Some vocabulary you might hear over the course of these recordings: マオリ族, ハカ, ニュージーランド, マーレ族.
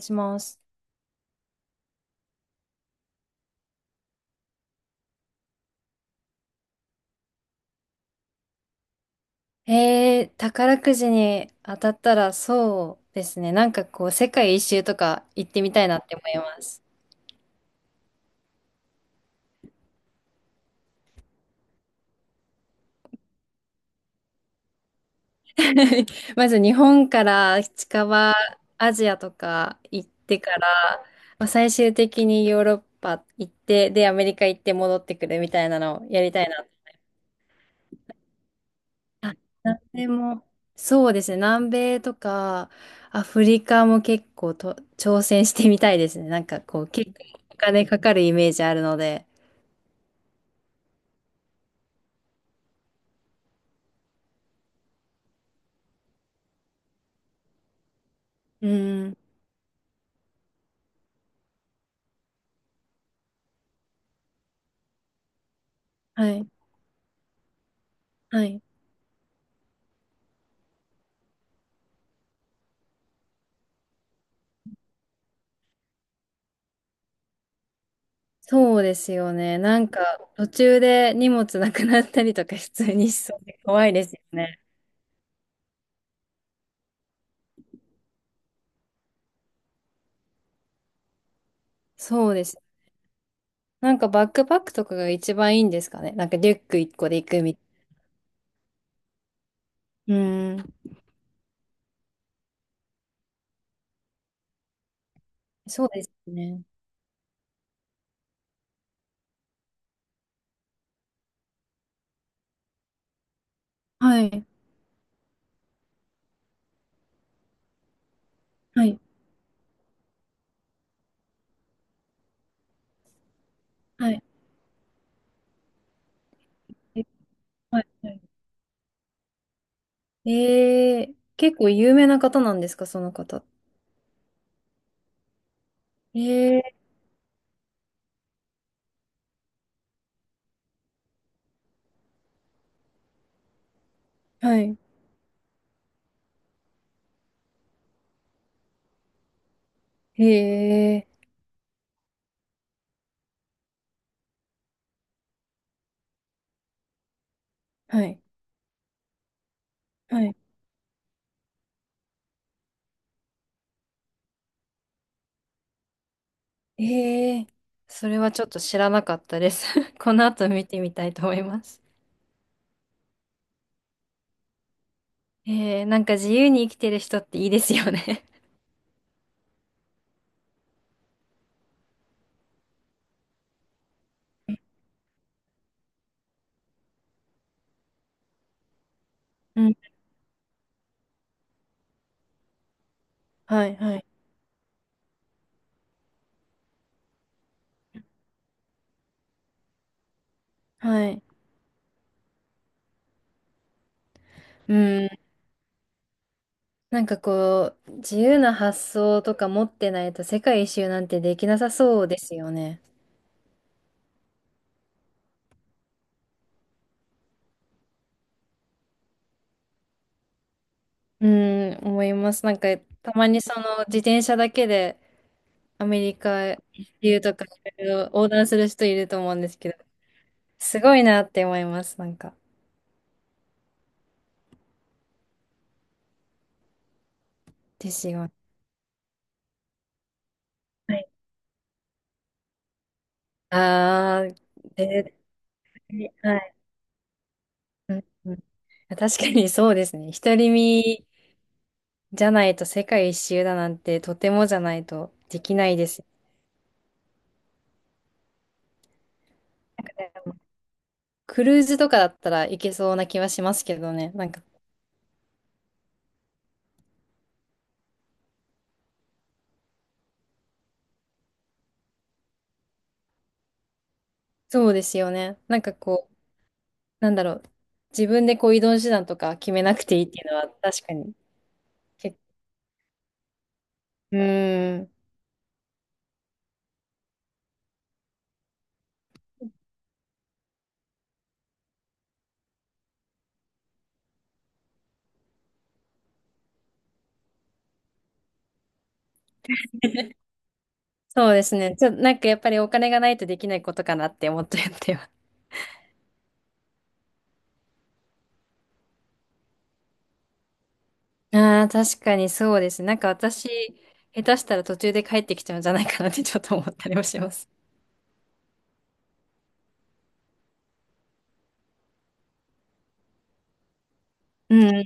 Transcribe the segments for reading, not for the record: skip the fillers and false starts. します。宝くじに当たったらそうですね。なんかこう、世界一周とか行ってみたいなって思います。まず日本から近場、アジアとか行ってから、まあ、最終的にヨーロッパ行って、で、アメリカ行って戻ってくるみたいなのをやりたいな。南米も、そうですね。南米とか、アフリカも結構と挑戦してみたいですね。なんかこう、結構お金かかるイメージあるので。うん。はい。はい。そうですよね。なんか、途中で荷物なくなったりとか普通にしそうで怖いですよね。そうです。なんかバックパックとかが一番いいんですかね。なんかリュック一個で行くみたいな。うーん。そうですね。はい。はい。はい。え、はいはい、結構有名な方なんですか、その方。えー、はい。えー、はい。はい、ええ、それはちょっと知らなかったです。この後見てみたいと思います。ええ、なんか自由に生きてる人っていいですよね。うん。はいはい。はい。うん。なんかこう、自由な発想とか持ってないと世界一周なんてできなさそうですよね。うん、思います。なんかたまにその自転車だけでアメリカ一周とかいろいろ横断する人いると思うんですけど、すごいなって思います。なんか、ですよね。ああ、絶対、はい。うんうん、確かにそうですね。独り身じゃないと世界一周だなんてとてもじゃないとできないです。なんかね、クルーズとかだったらいけそうな気はしますけどね。なんかそうですよね。なんかこう、なんだろう。自分でこう移動手段とか決めなくていいっていうのは確かに、け、うーん。そうですね。ちょ、なんかやっぱりお金がないとできないことかなって思っちゃってます。ああ、確かにそうですね。なんか私、下手したら途中で帰ってきちゃうんじゃないかなってちょっと思ったりもします。うん、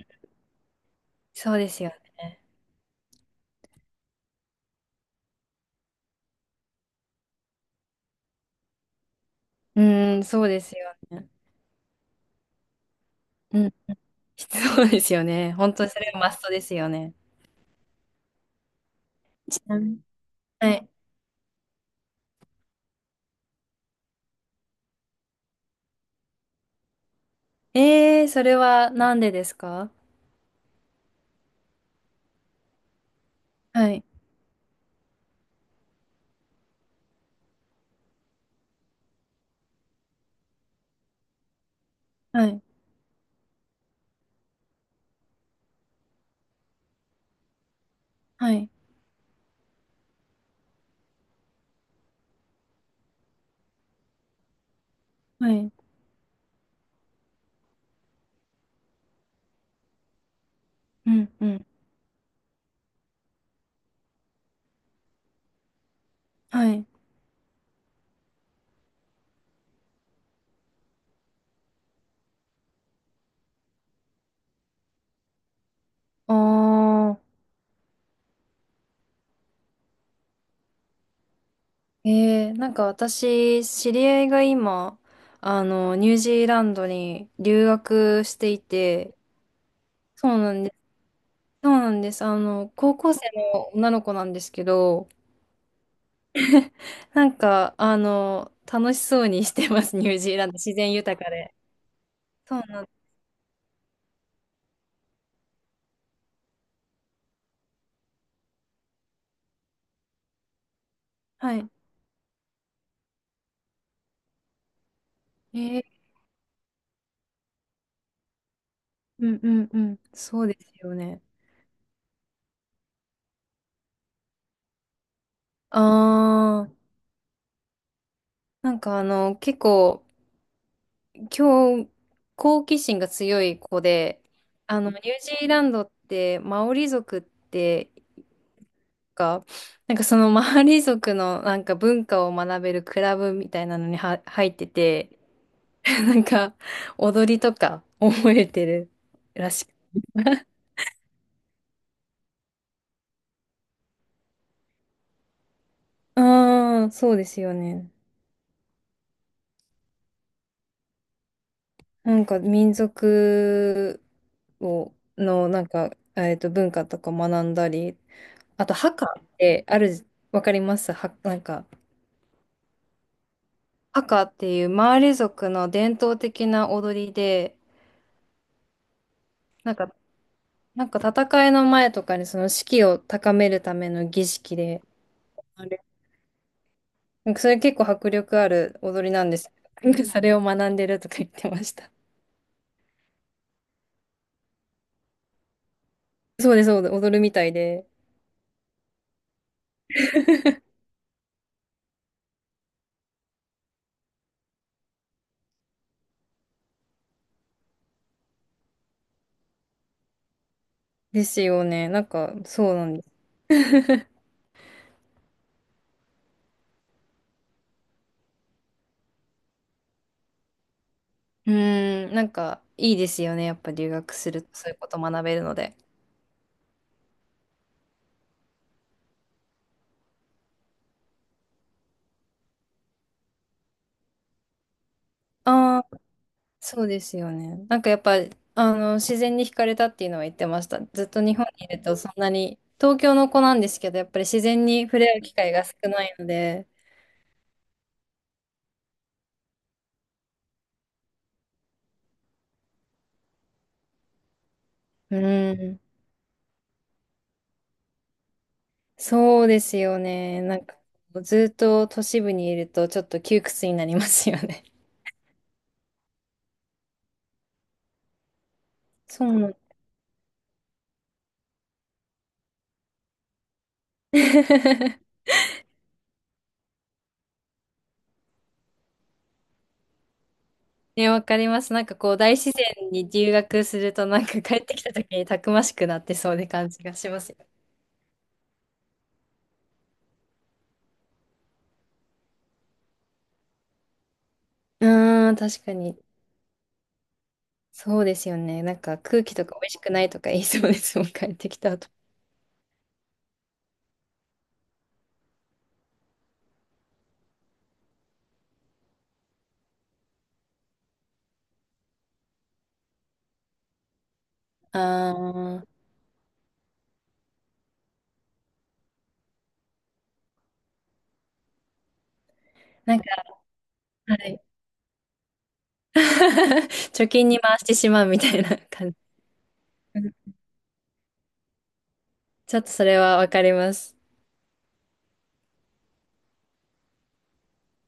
そうですよね。うん、そうですよね。うん、そうですよね。本当にそれはマストですよね。ちなみに。はい。それはなんでですか？はい、はい、はい、はい、うん、うん、はい。あー、えー、なんか私、知り合いが今、あの、ニュージーランドに留学していて、そうなんです。そうなんです。あの、高校生の女の子なんですけど、なんか、あの、楽しそうにしてます、ニュージーランド。自然豊かで。そうなん、はい。えー、うんうんうん。そうですよね。あー、なんかあの、結構、今日、好奇心が強い子で、あの、ニュージーランドって、マオリ族ってか、なんかそのマオリ族のなんか文化を学べるクラブみたいなのには入ってて、なんか、踊りとか覚えてるらしく。ああ、そうですよね。なんか民族を、の、なんか、文化とか学んだり、あと、ハカってある、わかりますは、なんか、ハカっていうマーレ族の伝統的な踊りで、なんか、なんか戦いの前とかにその士気を高めるための儀式で、あれなんかそれ結構迫力ある踊りなんですけど。なんかそれを学んでるとか言ってました。そうです、そうです、踊るみたいで。ですよね。なんか、そうなんです。うーん、なんか、いいですよね。やっぱ留学すると、そういうこと学べるので。ああ、そうですよね。なんかやっぱ、あの、自然に惹かれたっていうのは言ってました。ずっと日本にいると、そんなに、東京の子なんですけど、やっぱり自然に触れ合う機会が少ないので、うーん、そうですよね。なんか、ずっと都市部にいると、ちょっと窮屈になりますよね。そうなん、 ね、わかります。なんかこう、大自然に留学すると、なんか帰ってきた時にたくましくなってそうで感じがしますよ。うーん、確かに。そうですよね。なんか空気とか美味しくないとか言いそうですもん、帰ってきた後。あー、なんか、はい。貯金に回してしまうみたいな感じ。うん、ちょっとそれはわかります。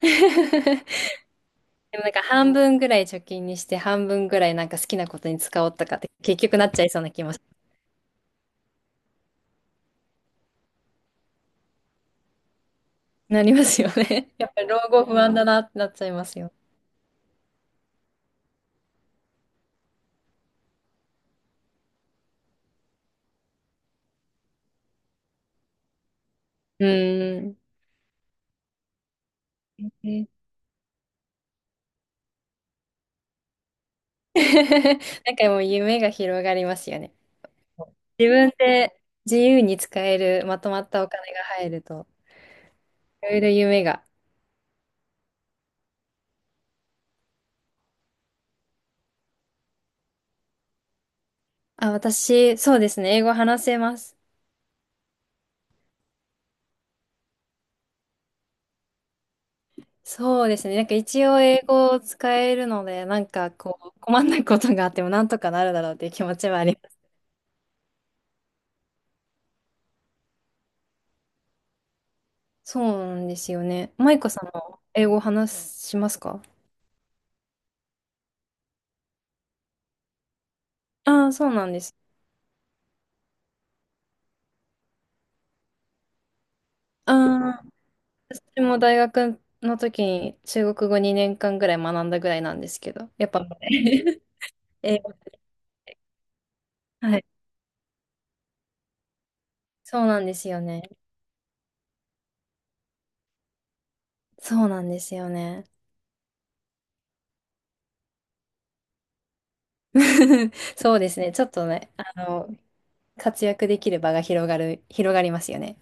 でもなんか半分ぐらい貯金にして、半分ぐらいなんか好きなことに使おうとかって結局なっちゃいそうな気もなりますよね。やっぱり老後不安だなってなっちゃいますよ。うーん。ね、 なんかもう夢が広がりますよね。自分で、自由に使えるまとまったお金が入ると、いろいろ夢が。あ、私、そうですね。英語話せます。そうですね。なんか一応英語を使えるので、なんかこう、困んないことがあってもなんとかなるだろうっていう気持ちはあります。そうなんですよね。マイコさんも英語話しますか？ああー、そうなんです。ああ。私も大学の時に中国語2年間ぐらい学んだぐらいなんですけど、やっぱ、英語、はい。そうなんですよね。そうなんですよね。そうですね。ちょっとね、あの、活躍できる場が広がる、広がりますよね。